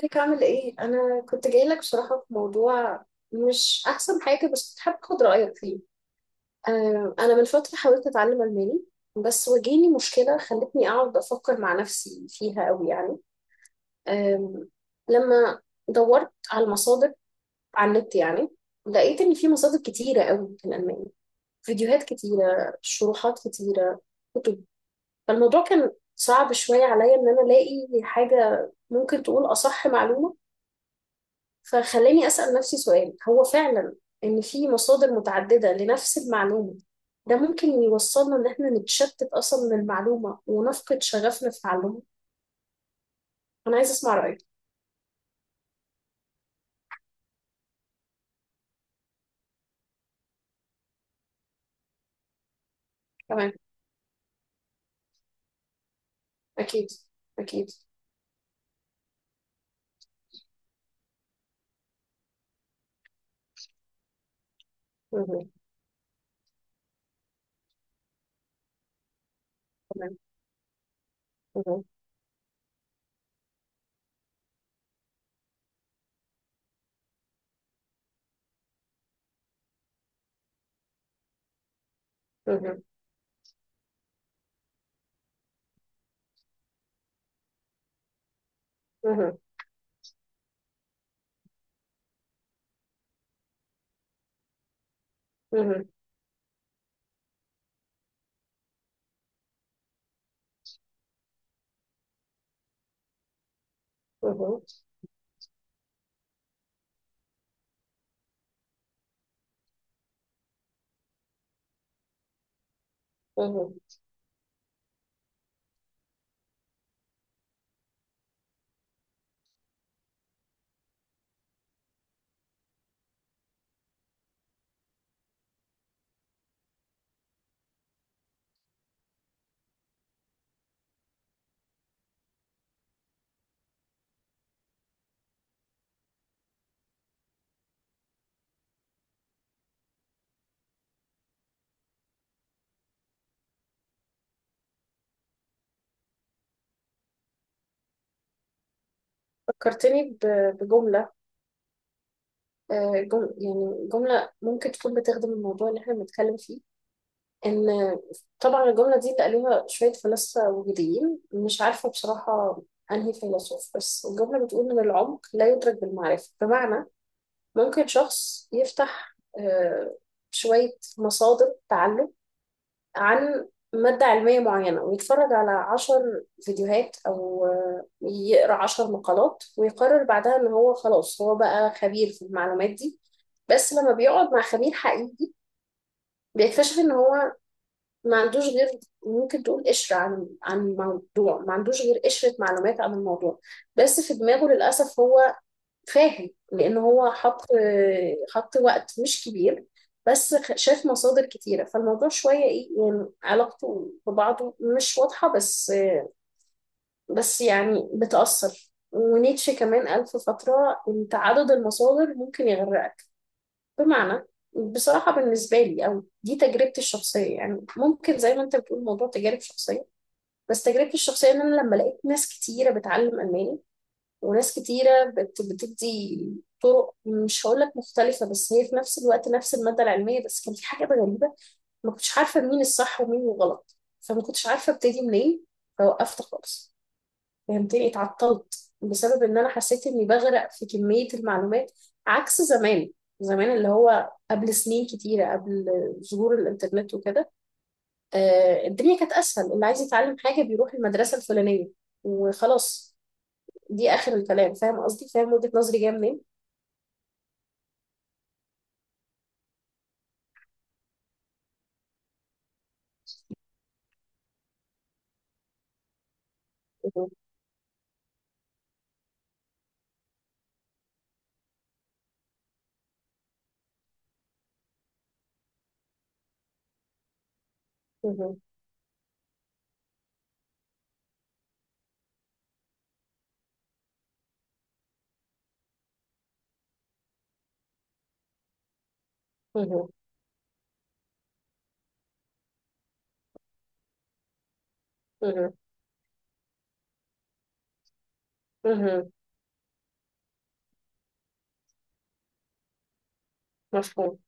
ازيك عامل ايه؟ انا كنت جاي لك بصراحة في موضوع مش احسن حاجة، بس كنت حابة اخد رأيك فيه. انا من فترة حاولت اتعلم الماني، بس واجهني مشكلة خلتني اقعد افكر مع نفسي فيها قوي يعني. آم، لما دورت على المصادر على النت يعني، لقيت ان في مصادر كتيرة قوي في الالماني، فيديوهات كتيرة، شروحات كتيرة، كتب. فالموضوع كان صعب شوية عليا ان انا الاقي حاجة ممكن تقول اصح معلومة. فخلاني أسأل نفسي سؤال: هو فعلا إن في مصادر متعددة لنفس المعلومة، ده ممكن يوصلنا إن إحنا نتشتت أصلا من المعلومة ونفقد شغفنا في تعلمها؟ أنا عايزة أسمع رأيك. تمام. أكيد. أكيد. مهم. تمام. مهم. مهم. مهم. مهم. مهم. مهم. فكرتني بجملة. يعني جملة ممكن تكون بتخدم الموضوع اللي إحنا بنتكلم فيه. ان طبعا الجمله دي تقاليها شويه فلاسفه وجوديين، مش عارفه بصراحه انهي فيلسوف، بس الجمله بتقول ان العمق لا يدرك بالمعرفه. بمعنى ممكن شخص يفتح آه، شويه مصادر تعلم عن مادة علمية معينة، ويتفرج على عشر فيديوهات أو يقرأ عشر مقالات، ويقرر بعدها إن هو خلاص هو بقى خبير في المعلومات دي. بس لما بيقعد مع خبير حقيقي بيكتشف ان هو ما عندوش غير، ممكن تقول، قشرة عن الموضوع، ما عندوش غير قشرة معلومات عن الموضوع. بس في دماغه للأسف هو فاهم، لأن هو حط وقت مش كبير، شاف مصادر كتيرة، فالموضوع شوية إيه يعني، علاقته ببعضه مش واضحة. بس يعني بتأثر، ونيتشه كمان قال في فترة إن تعدد المصادر ممكن يغرقك. بمعنى بصراحة بالنسبة لي، أو دي تجربتي الشخصية يعني، ممكن زي ما أنت بتقول موضوع تجارب شخصية، بس تجربتي الشخصية إن أنا لما لقيت ناس كتيرة بتعلم ألماني، وناس كتيرة بتدي طرق مش هقولك مختلفة بس هي في نفس الوقت نفس المادة العلمية، بس كان في حاجات غريبة ما كنتش عارفة مين الصح ومين الغلط، فما كنتش عارفة ابتدي منين، فوقفت خالص. فهمتني؟ اتعطلت بسبب إن أنا حسيت إني بغرق في كمية المعلومات. عكس زمان، زمان اللي هو قبل سنين كتيرة قبل ظهور الإنترنت وكده. الدنيا كانت اسهل، اللي عايز يتعلم حاجه بيروح المدرسه الفلانيه وخلاص، دي اخر الكلام. فاهم قصدي؟ فاهم وجهه نظري جايه منين؟ مهم، مهم، مهم، مهم، مهم، مفهوم،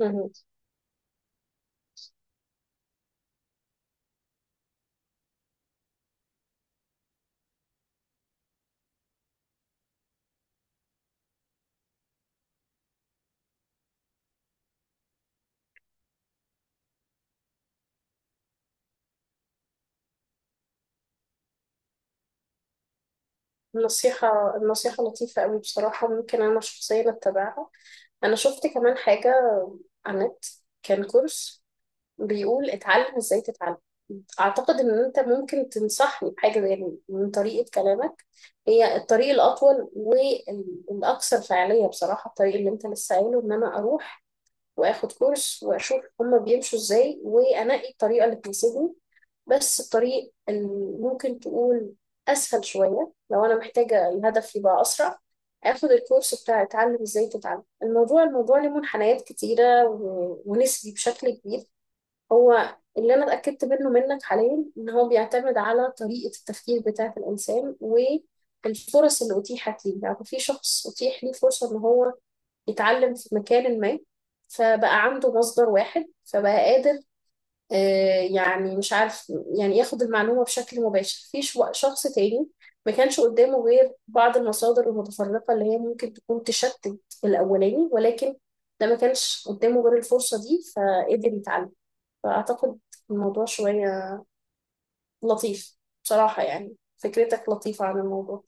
مهم. النصيحة، النصيحة لطيفة أوي بصراحة، ممكن أنا شخصيا أتبعها. أنا شفت كمان حاجة على النت، كان كورس بيقول اتعلم ازاي تتعلم. اعتقد ان انت ممكن تنصحني بحاجه زي دي من طريقه كلامك. هي الطريق الاطول والاكثر فعاليه بصراحه، الطريق اللي انت لسه قايله، ان انا اروح واخد كورس واشوف هما بيمشوا ازاي وانقي الطريقه اللي تناسبني. بس الطريق اللي ممكن تقول اسهل شويه، لو انا محتاجه الهدف يبقى اسرع، اخد الكورس بتاع اتعلم ازاي تتعلم. الموضوع، له منحنيات كتيره ونسبي بشكل كبير. هو اللي انا اتاكدت منه منك حاليا ان هو بيعتمد على طريقه التفكير بتاعه الانسان والفرص اللي اتيحت ليه. يعني في شخص اتيح ليه فرصه ان هو يتعلم في مكان ما، فبقى عنده مصدر واحد، فبقى قادر يعني مش عارف، يعني ياخد المعلومه بشكل مباشر. في شخص تاني ما كانش قدامه غير بعض المصادر المتفرقه اللي هي ممكن تكون تشتت الاولاني، ولكن ده ما كانش قدامه غير الفرصه دي فقدر يتعلم. فأعتقد الموضوع شوية لطيف بصراحة، يعني فكرتك لطيفة عن الموضوع.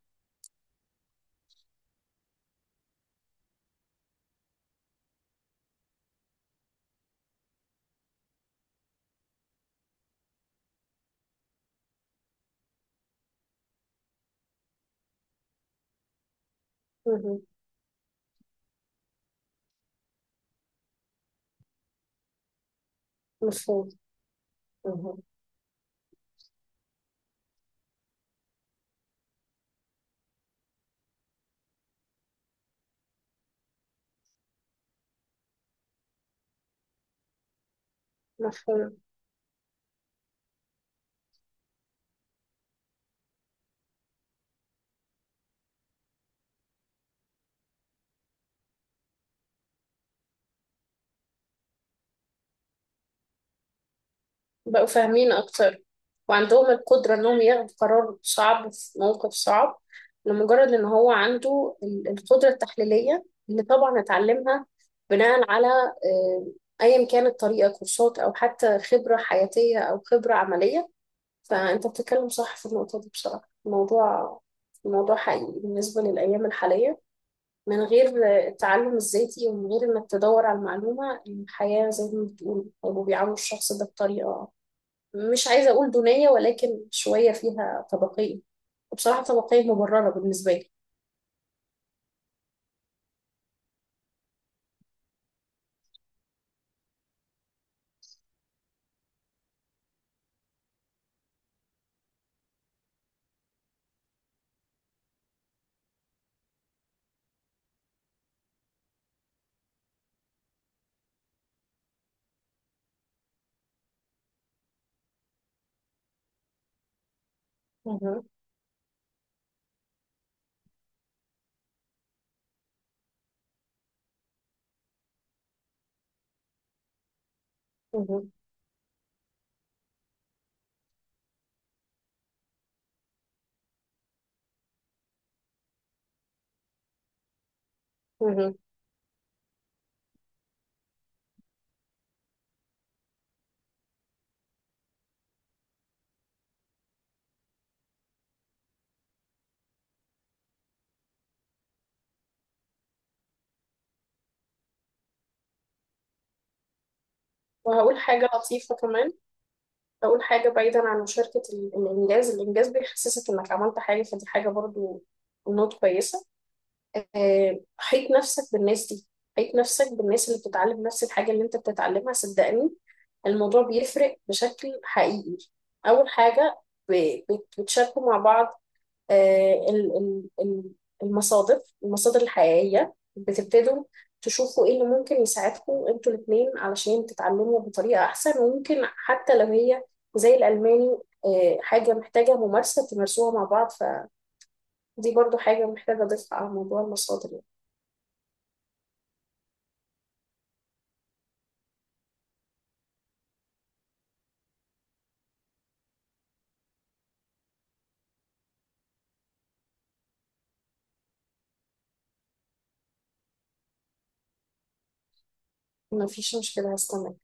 مهم. مفهوم. مهم. مفهوم. بقوا فاهمين أكتر، وعندهم القدرة إنهم ياخدوا قرار صعب في موقف صعب، لمجرد إن هو عنده القدرة التحليلية اللي طبعا اتعلمها بناء على، أيا كانت طريقة، كورسات أو حتى خبرة حياتية أو خبرة عملية. فأنت بتتكلم صح في النقطة دي بصراحة. الموضوع، حقيقي بالنسبة للأيام الحالية. من غير التعلم الذاتي ومن غير إنك تدور على المعلومة، الحياة زي ما بتقول هيبقوا بيعاملوا الشخص ده بطريقة، مش عايزة أقول دونية، ولكن شوية فيها طبقية. وبصراحة طبقية مبررة بالنسبة لي. مهم. مهم. مهم. وهقول حاجة لطيفة كمان. هقول حاجة بعيدا عن مشاركة الإنجاز، الإنجاز بيحسسك إنك عملت حاجة، فدي حاجة برضو نوت كويسة. حيط نفسك بالناس دي، حيط نفسك بالناس اللي بتتعلم نفس الحاجة اللي انت بتتعلمها، صدقني الموضوع بيفرق بشكل حقيقي. أول حاجة بتشاركوا مع بعض آه، ال- ال- ال- المصادر، الحقيقية بتبتدوا تشوفوا ايه اللي ممكن يساعدكم انتوا الاتنين علشان تتعلموا بطريقة أحسن. وممكن حتى لو هي زي الألماني، حاجة محتاجة ممارسة تمارسوها مع بعض، فدي برضو حاجة محتاجة أضيفها على موضوع المصادر يعني. مفيش مشكلة، هستنى.